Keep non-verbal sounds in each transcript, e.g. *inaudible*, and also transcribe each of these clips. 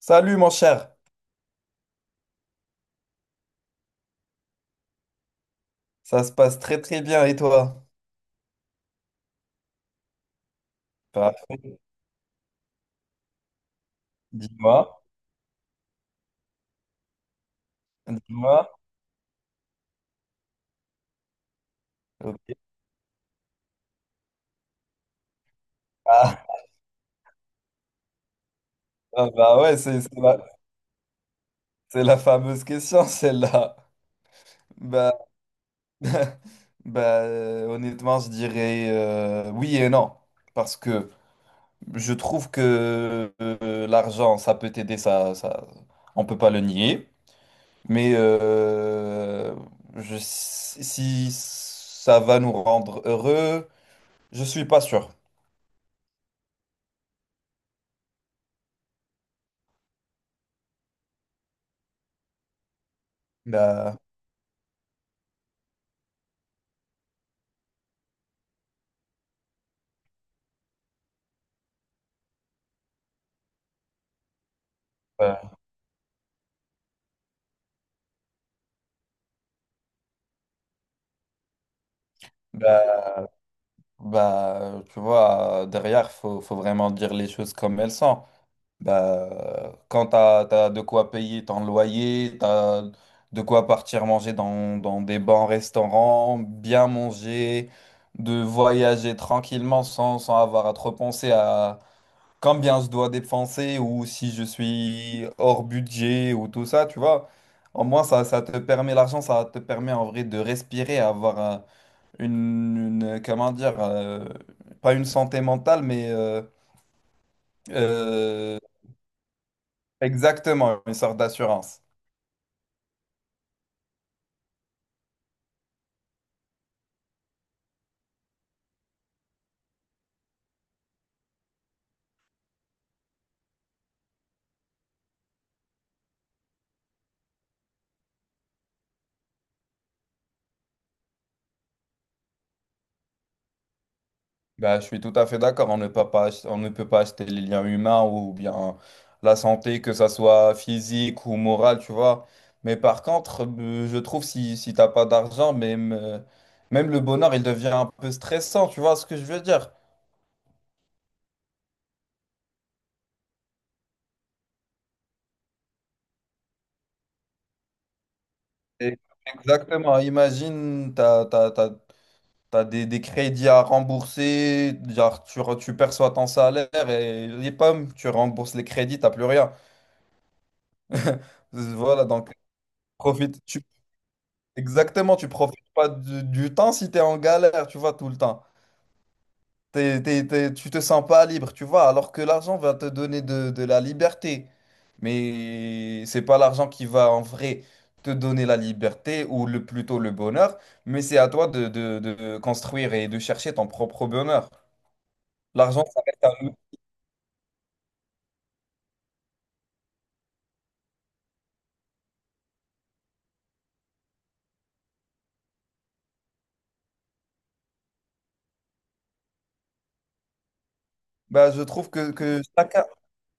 Salut mon cher, ça se passe très très bien et toi? Parfait. Dis-moi, dis-moi. Ok. Ah, ah, bah ouais, c'est la fameuse question celle-là. Bah, *laughs* bah honnêtement, je dirais oui et non. Parce que je trouve que l'argent, ça peut t'aider, ça, on peut pas le nier. Mais euh, si ça va nous rendre heureux, je suis pas sûr. Bah, ouais. Bah, bah, tu vois, derrière, faut vraiment dire les choses comme elles sont. Bah, quand t'as de quoi payer ton loyer, t'as de quoi partir manger dans des bons restaurants, bien manger, de voyager tranquillement sans avoir à trop penser à combien je dois dépenser ou si je suis hors budget ou tout ça, tu vois. Au moins, ça te permet, l'argent, ça te permet en vrai de respirer, avoir une, comment dire, pas une santé mentale, mais euh, exactement une sorte d'assurance. Bah, je suis tout à fait d'accord, on ne peut pas, on ne peut pas acheter les liens humains ou bien la santé, que ça soit physique ou morale, tu vois. Mais par contre, je trouve si t'as pas d'argent, même le bonheur, il devient un peu stressant, tu vois ce que je veux dire? Et- Exactement, imagine, t'as des, crédits à rembourser, genre tu perçois ton salaire et les pommes, tu rembourses les crédits, t'as plus rien. *laughs* Voilà, donc profite. Exactement, tu profites pas du temps si t'es en galère, tu vois, tout le temps. Tu te sens pas libre, tu vois, alors que l'argent va te donner de la liberté. Mais c'est pas l'argent qui va en vrai te donner la liberté ou le, plutôt le bonheur, mais c'est à toi de construire et de chercher ton propre bonheur. L'argent, ça reste un. Bah, je trouve que chacun...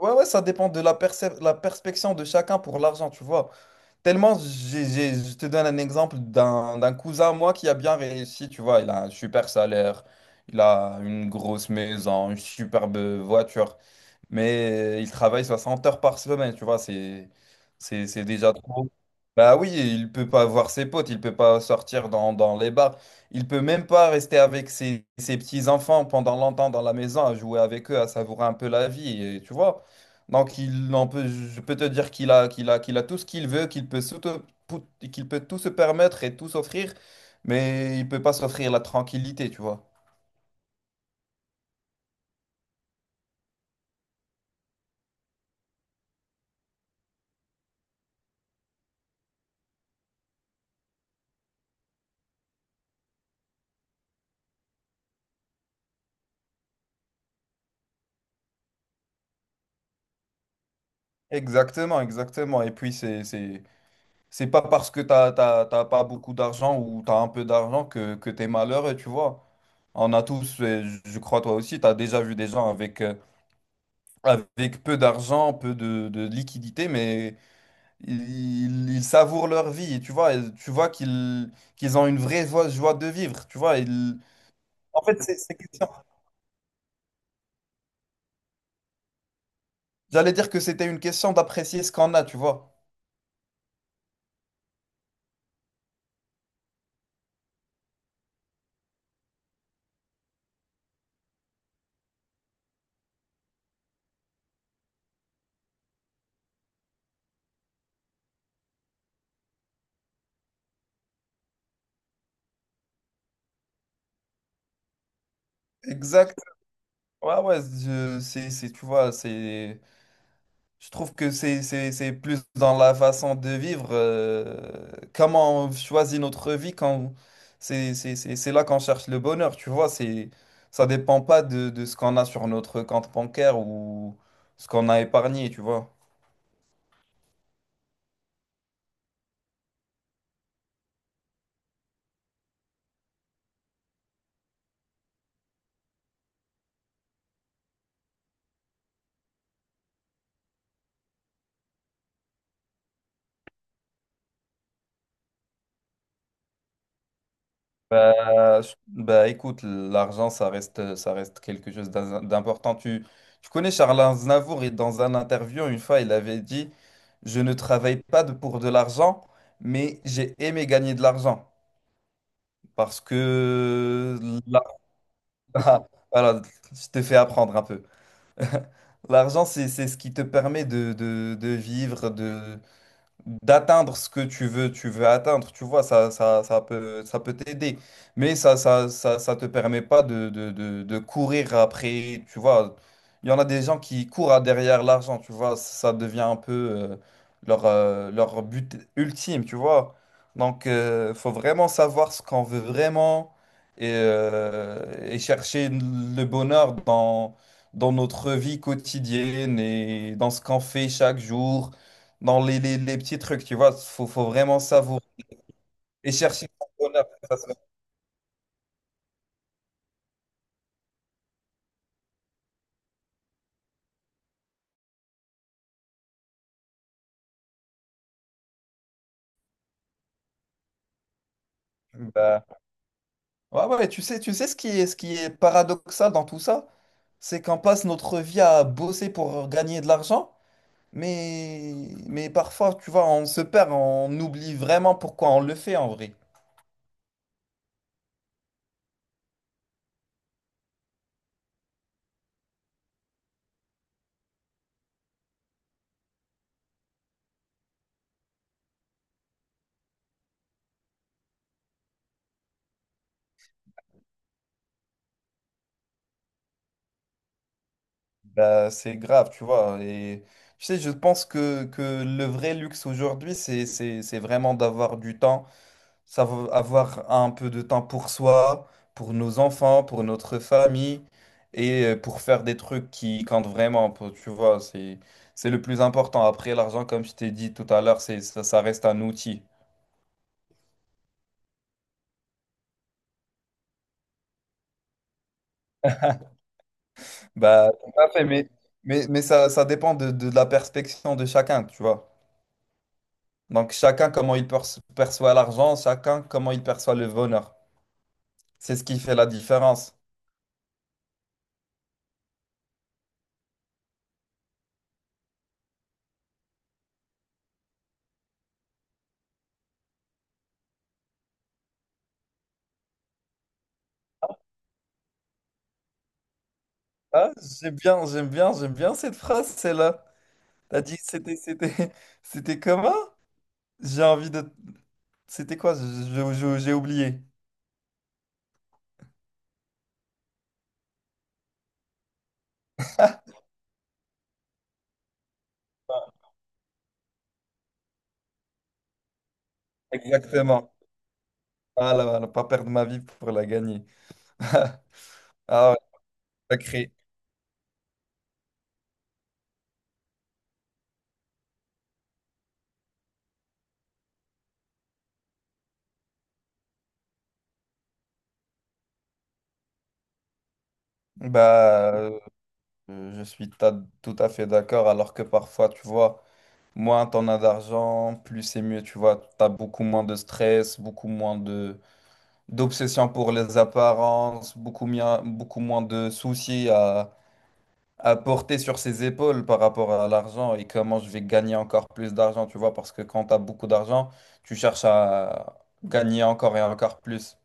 Ouais, ouais, ça dépend de la la perspection de chacun pour l'argent, tu vois. Tellement, je te donne un exemple d'un cousin à moi qui a bien réussi, tu vois. Il a un super salaire, il a une grosse maison, une superbe voiture mais il travaille 60 heures par semaine, tu vois, c'est déjà trop. Bah oui, il peut pas voir ses potes, il peut pas sortir dans les bars, il peut même pas rester avec ses petits-enfants pendant longtemps dans la maison, à jouer avec eux, à savourer un peu la vie, et, tu vois. Donc il en peut, je peux te dire qu'il a tout ce qu'il veut, qu'il peut tout se permettre et tout s'offrir, mais il peut pas s'offrir la tranquillité, tu vois. Exactement, exactement. Et puis c'est pas parce que t'as pas beaucoup d'argent ou t'as un peu d'argent que t'es malheureux, tu vois. On a tous, je crois toi aussi, t'as déjà vu des gens avec, avec peu d'argent, peu de liquidité, mais ils savourent leur vie, tu vois. Et tu vois qu'ils ont une vraie joie, joie de vivre, tu vois. Ils- En fait, c'est question. J'allais dire que c'était une question d'apprécier ce qu'on a, tu vois. Exact. Ouais, ouais, je- c'est, tu vois, c'est... Je trouve que c'est plus dans la façon de vivre, comment on choisit notre vie quand c'est là qu'on cherche le bonheur, tu vois, c'est ça dépend pas de ce qu'on a sur notre compte bancaire ou ce qu'on a épargné, tu vois. Bah, écoute, l'argent ça reste quelque chose d'important. Tu connais Charles Aznavour et dans un interview une fois il avait dit, je ne travaille pas de- pour de l'argent, mais j'ai aimé gagner de l'argent. Parce que là, *laughs* voilà, je te fais apprendre un peu. *laughs* L'argent, c'est ce qui te permet de vivre, d'atteindre ce que tu veux atteindre, tu vois, ça peut t'aider. Mais ça te permet pas de courir après, tu vois. Il y en a des gens qui courent derrière l'argent, tu vois, ça devient un peu leur but ultime, tu vois. Donc, faut vraiment savoir ce qu'on veut vraiment et chercher le bonheur dans notre vie quotidienne et dans ce qu'on fait chaque jour dans les petits trucs, tu vois. Faut vraiment savourer et chercher son bonheur. Ça se- bah, ouais, ouais, tu sais ce qui est paradoxal dans tout ça, c'est qu'on passe notre vie à bosser pour gagner de l'argent, mais, mais parfois, tu vois, on se perd, on oublie vraiment pourquoi on le fait en vrai. Bah, c'est grave, tu vois. Et tu sais, je pense que le vrai luxe aujourd'hui, c'est vraiment d'avoir du temps, savoir avoir un peu de temps pour soi, pour nos enfants, pour notre famille et pour faire des trucs qui comptent vraiment, pour- tu vois, c'est le plus important. Après, l'argent, comme je t'ai dit tout à l'heure, c'est ça reste un outil. Bah, tout à fait, mais ça dépend de la perspective de chacun, tu vois. Donc chacun comment il perçoit l'argent, chacun comment il perçoit le bonheur. C'est ce qui fait la différence. Ah, j'aime bien cette phrase, celle-là. T'as dit c'était *laughs* c'était comment? J'ai envie de c'était quoi? Je- J'ai oublié. Exactement. Voilà, voilà, pas perdre ma vie pour la gagner. *laughs* Ah ouais, sacré. Bah, je suis tout à fait d'accord. Alors que parfois, tu vois, moins t'en as d'argent, plus c'est mieux. Tu vois, t'as beaucoup moins de stress, beaucoup moins de d'obsession pour les apparences, beaucoup moins de soucis à porter sur ses épaules par rapport à l'argent et comment je vais gagner encore plus d'argent, tu vois, parce que quand tu as beaucoup d'argent, tu cherches à gagner encore et encore plus.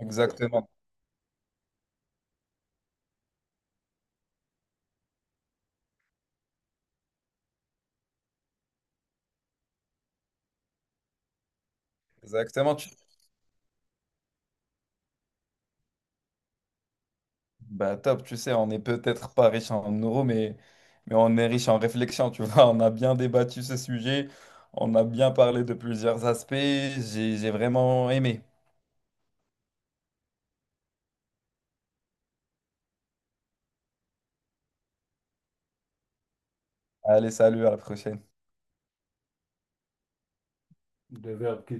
Exactement, exactement. Tu- Bah top, tu sais, on n'est peut-être pas riche en euros, mais on est riche en réflexion, tu vois, *laughs* on a bien débattu ce sujet, on a bien parlé de plusieurs aspects, j'ai vraiment aimé. Allez, salut, à la prochaine.